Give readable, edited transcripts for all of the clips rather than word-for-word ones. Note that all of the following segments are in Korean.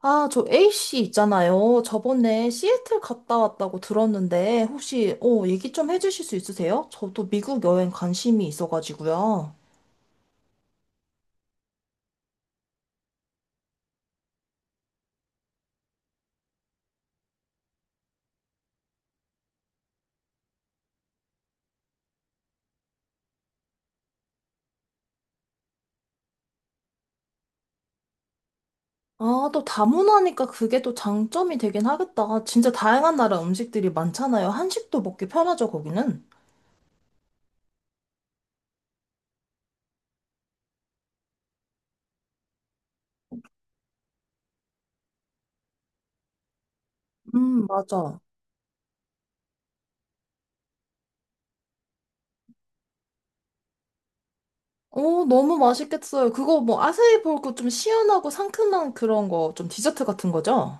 아, 저 A씨 있잖아요. 저번에 시애틀 갔다 왔다고 들었는데, 혹시, 얘기 좀 해주실 수 있으세요? 저도 미국 여행 관심이 있어가지고요. 아, 또 다문화니까 그게 또 장점이 되긴 하겠다. 진짜 다양한 나라 음식들이 많잖아요. 한식도 먹기 편하죠, 거기는. 맞아. 어, 너무 맛있겠어요. 그거 뭐 아세이 볼고 좀 시원하고 상큼한 그런 거, 좀 디저트 같은 거죠?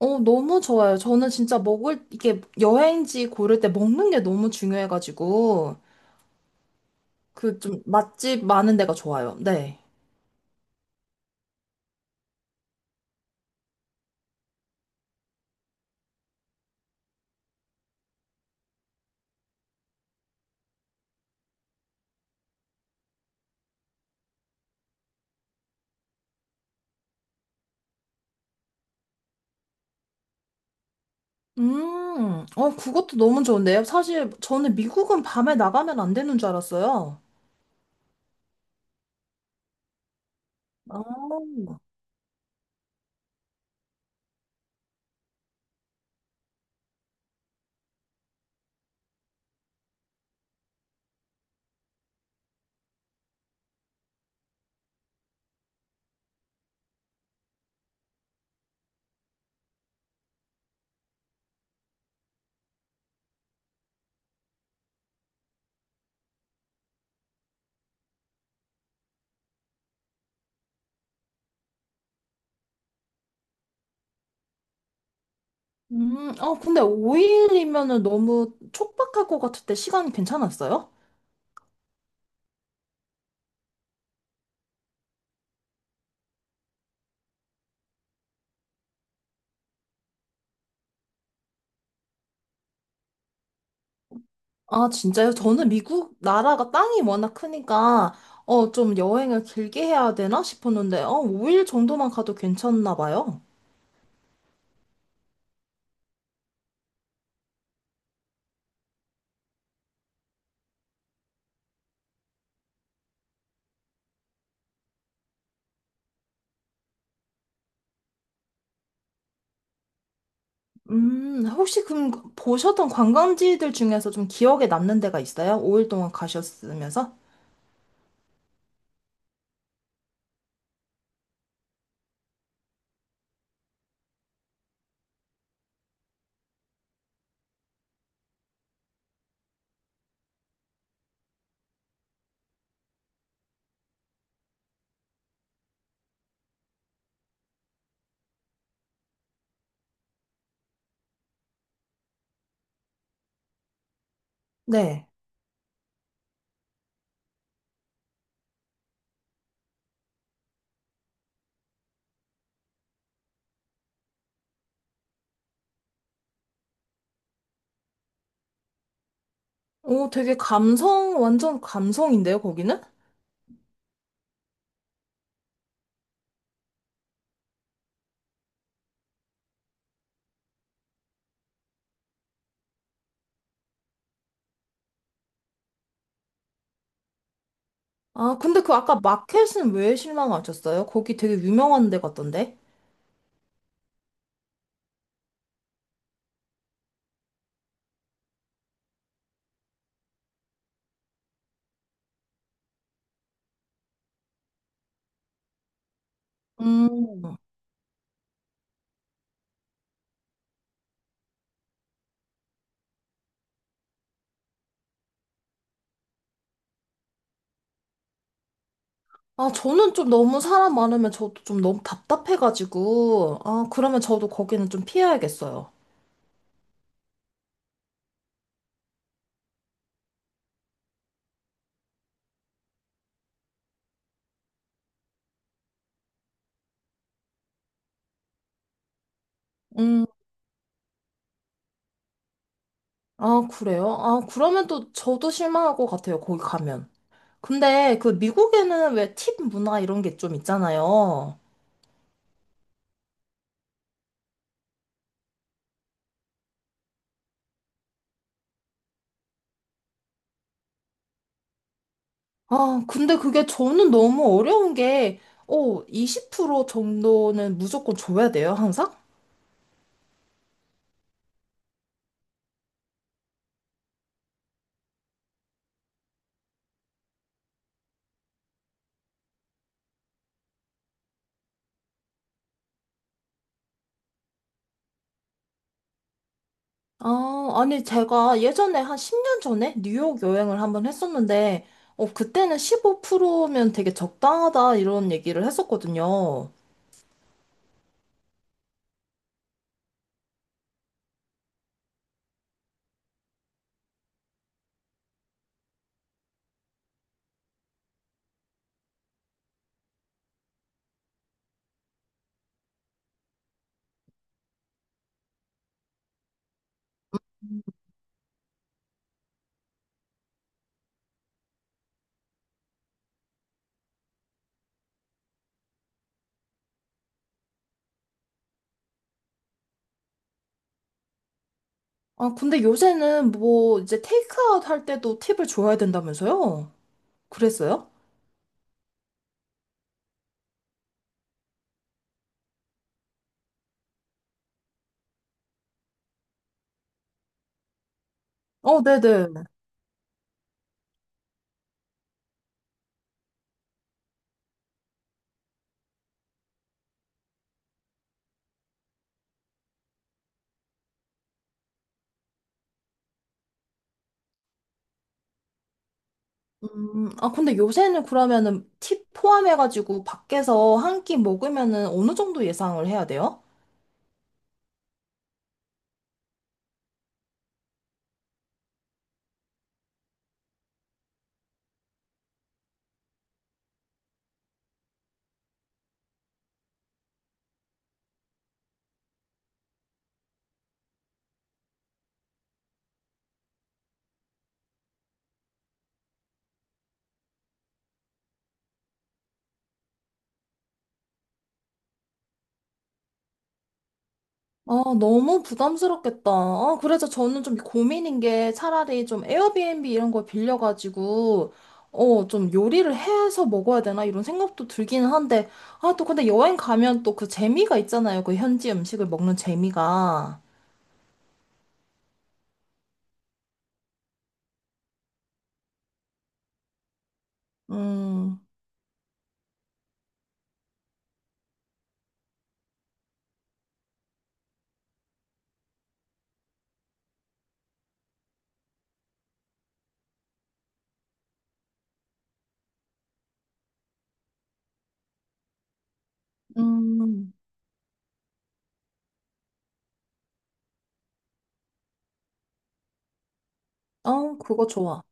어, 너무 좋아요. 저는 진짜 먹을, 이게 여행지 고를 때 먹는 게 너무 중요해가지고, 그 좀 맛집 많은 데가 좋아요. 네. 그것도 너무 좋은데요. 사실 저는 미국은 밤에 나가면 안 되는 줄 알았어요. 아, 근데 5일이면은 너무 촉박할 것 같을 때 시간 괜찮았어요? 아, 진짜요? 저는 미국 나라가 땅이 워낙 크니까, 좀 여행을 길게 해야 되나 싶었는데, 5일 정도만 가도 괜찮나 봐요. 혹시 그럼 보셨던 관광지들 중에서 좀 기억에 남는 데가 있어요? 5일 동안 가셨으면서? 네. 오, 되게 감성, 완전 감성인데요, 거기는? 아, 근데 그 아까 마켓은 왜 실망하셨어요? 거기 되게 유명한 데 같던데? 음. 아, 저는 좀 너무 사람 많으면 저도 좀 너무 답답해가지고, 아, 그러면 저도 거기는 좀 피해야겠어요. 음. 아, 그래요? 아, 그러면 또 저도 실망할 것 같아요, 거기 가면. 근데 그 미국에는 왜 팁 문화 이런 게 좀 있잖아요. 아, 근데 그게 저는 너무 어려운 게, 20% 정도는 무조건 줘야 돼요, 항상? 아, 아니, 제가 예전에 한 10년 전에 뉴욕 여행을 한번 했었는데, 그때는 15%면 되게 적당하다, 이런 얘기를 했었거든요. 아, 근데 요새는 뭐, 이제 테이크아웃 할 때도 팁을 줘야 된다면서요? 그랬어요? 어, 네네. 아, 근데 요새는 그러면은 팁 포함해가지고 밖에서 한 끼 먹으면은 어느 정도 예상을 해야 돼요? 아, 너무 부담스럽겠다. 아, 그래서 저는 좀 고민인 게 차라리 좀 에어비앤비 이런 걸 빌려가지고, 좀 요리를 해서 먹어야 되나 이런 생각도 들기는 한데, 아, 또 근데 여행 가면 또 그 재미가 있잖아요. 그 현지 음식을 먹는 재미가. 음, 음, 어, 그거 좋아.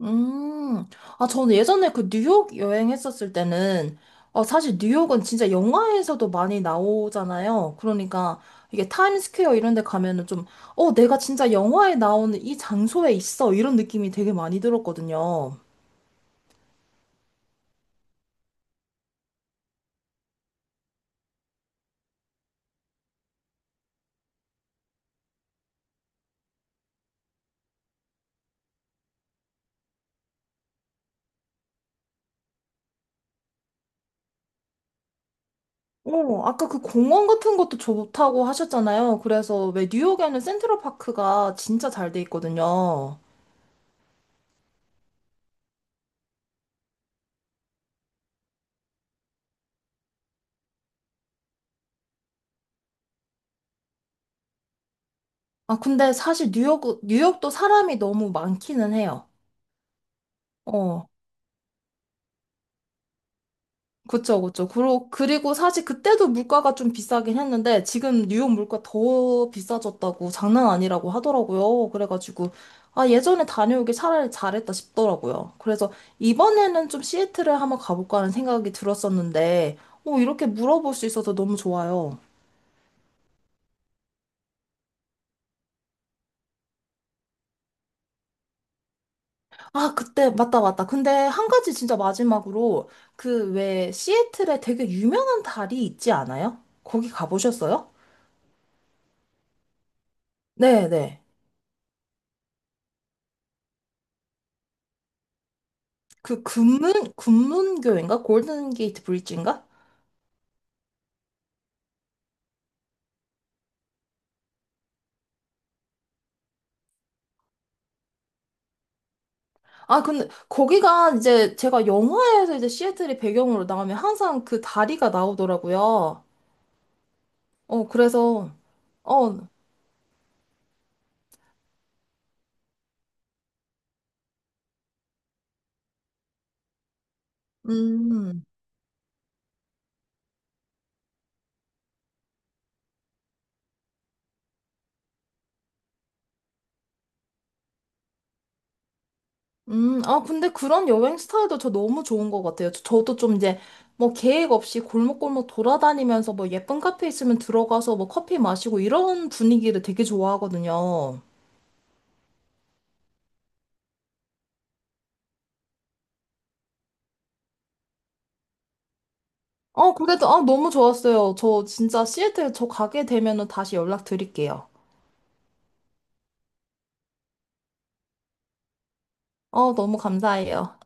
음, 아, 저는 예전에 그 뉴욕 여행했었을 때는, 사실 뉴욕은 진짜 영화에서도 많이 나오잖아요. 그러니까 이게 타임스퀘어 이런 데 가면은 좀, 내가 진짜 영화에 나오는 이 장소에 있어. 이런 느낌이 되게 많이 들었거든요. 어, 아까 그 공원 같은 것도 좋다고 하셨잖아요. 그래서 왜 뉴욕에는 센트럴 파크가 진짜 잘 돼 있거든요. 아, 근데 사실 뉴욕, 뉴욕도 사람이 너무 많기는 해요. 어. 그쵸. 그리고 사실 그때도 물가가 좀 비싸긴 했는데 지금 뉴욕 물가 더 비싸졌다고 장난 아니라고 하더라고요. 그래가지고 아, 예전에 다녀오길 차라리 잘했다 싶더라고요. 그래서 이번에는 좀 시애틀에 한번 가볼까 하는 생각이 들었었는데 오, 이렇게 물어볼 수 있어서 너무 좋아요. 아, 그때 맞다, 맞다. 근데 한 가지 진짜 마지막으로 그 왜 시애틀에 되게 유명한 달이 있지 않아요? 거기 가보셨어요? 네, 네. 그 금문교인가? 골든 게이트 브릿지인가? 아 근데 거기가 이제 제가 영화에서 이제 시애틀이 배경으로 나오면 항상 그 다리가 나오더라고요. 어 그래서 어 음. 아, 근데 그런 여행 스타일도 저 너무 좋은 것 같아요. 저도 좀 이제 뭐 계획 없이 골목골목 돌아다니면서 뭐 예쁜 카페 있으면 들어가서 뭐 커피 마시고 이런 분위기를 되게 좋아하거든요. 어, 그래도, 아, 너무 좋았어요. 저 진짜 시애틀 저 가게 되면은 다시 연락드릴게요. 어, 너무 감사해요.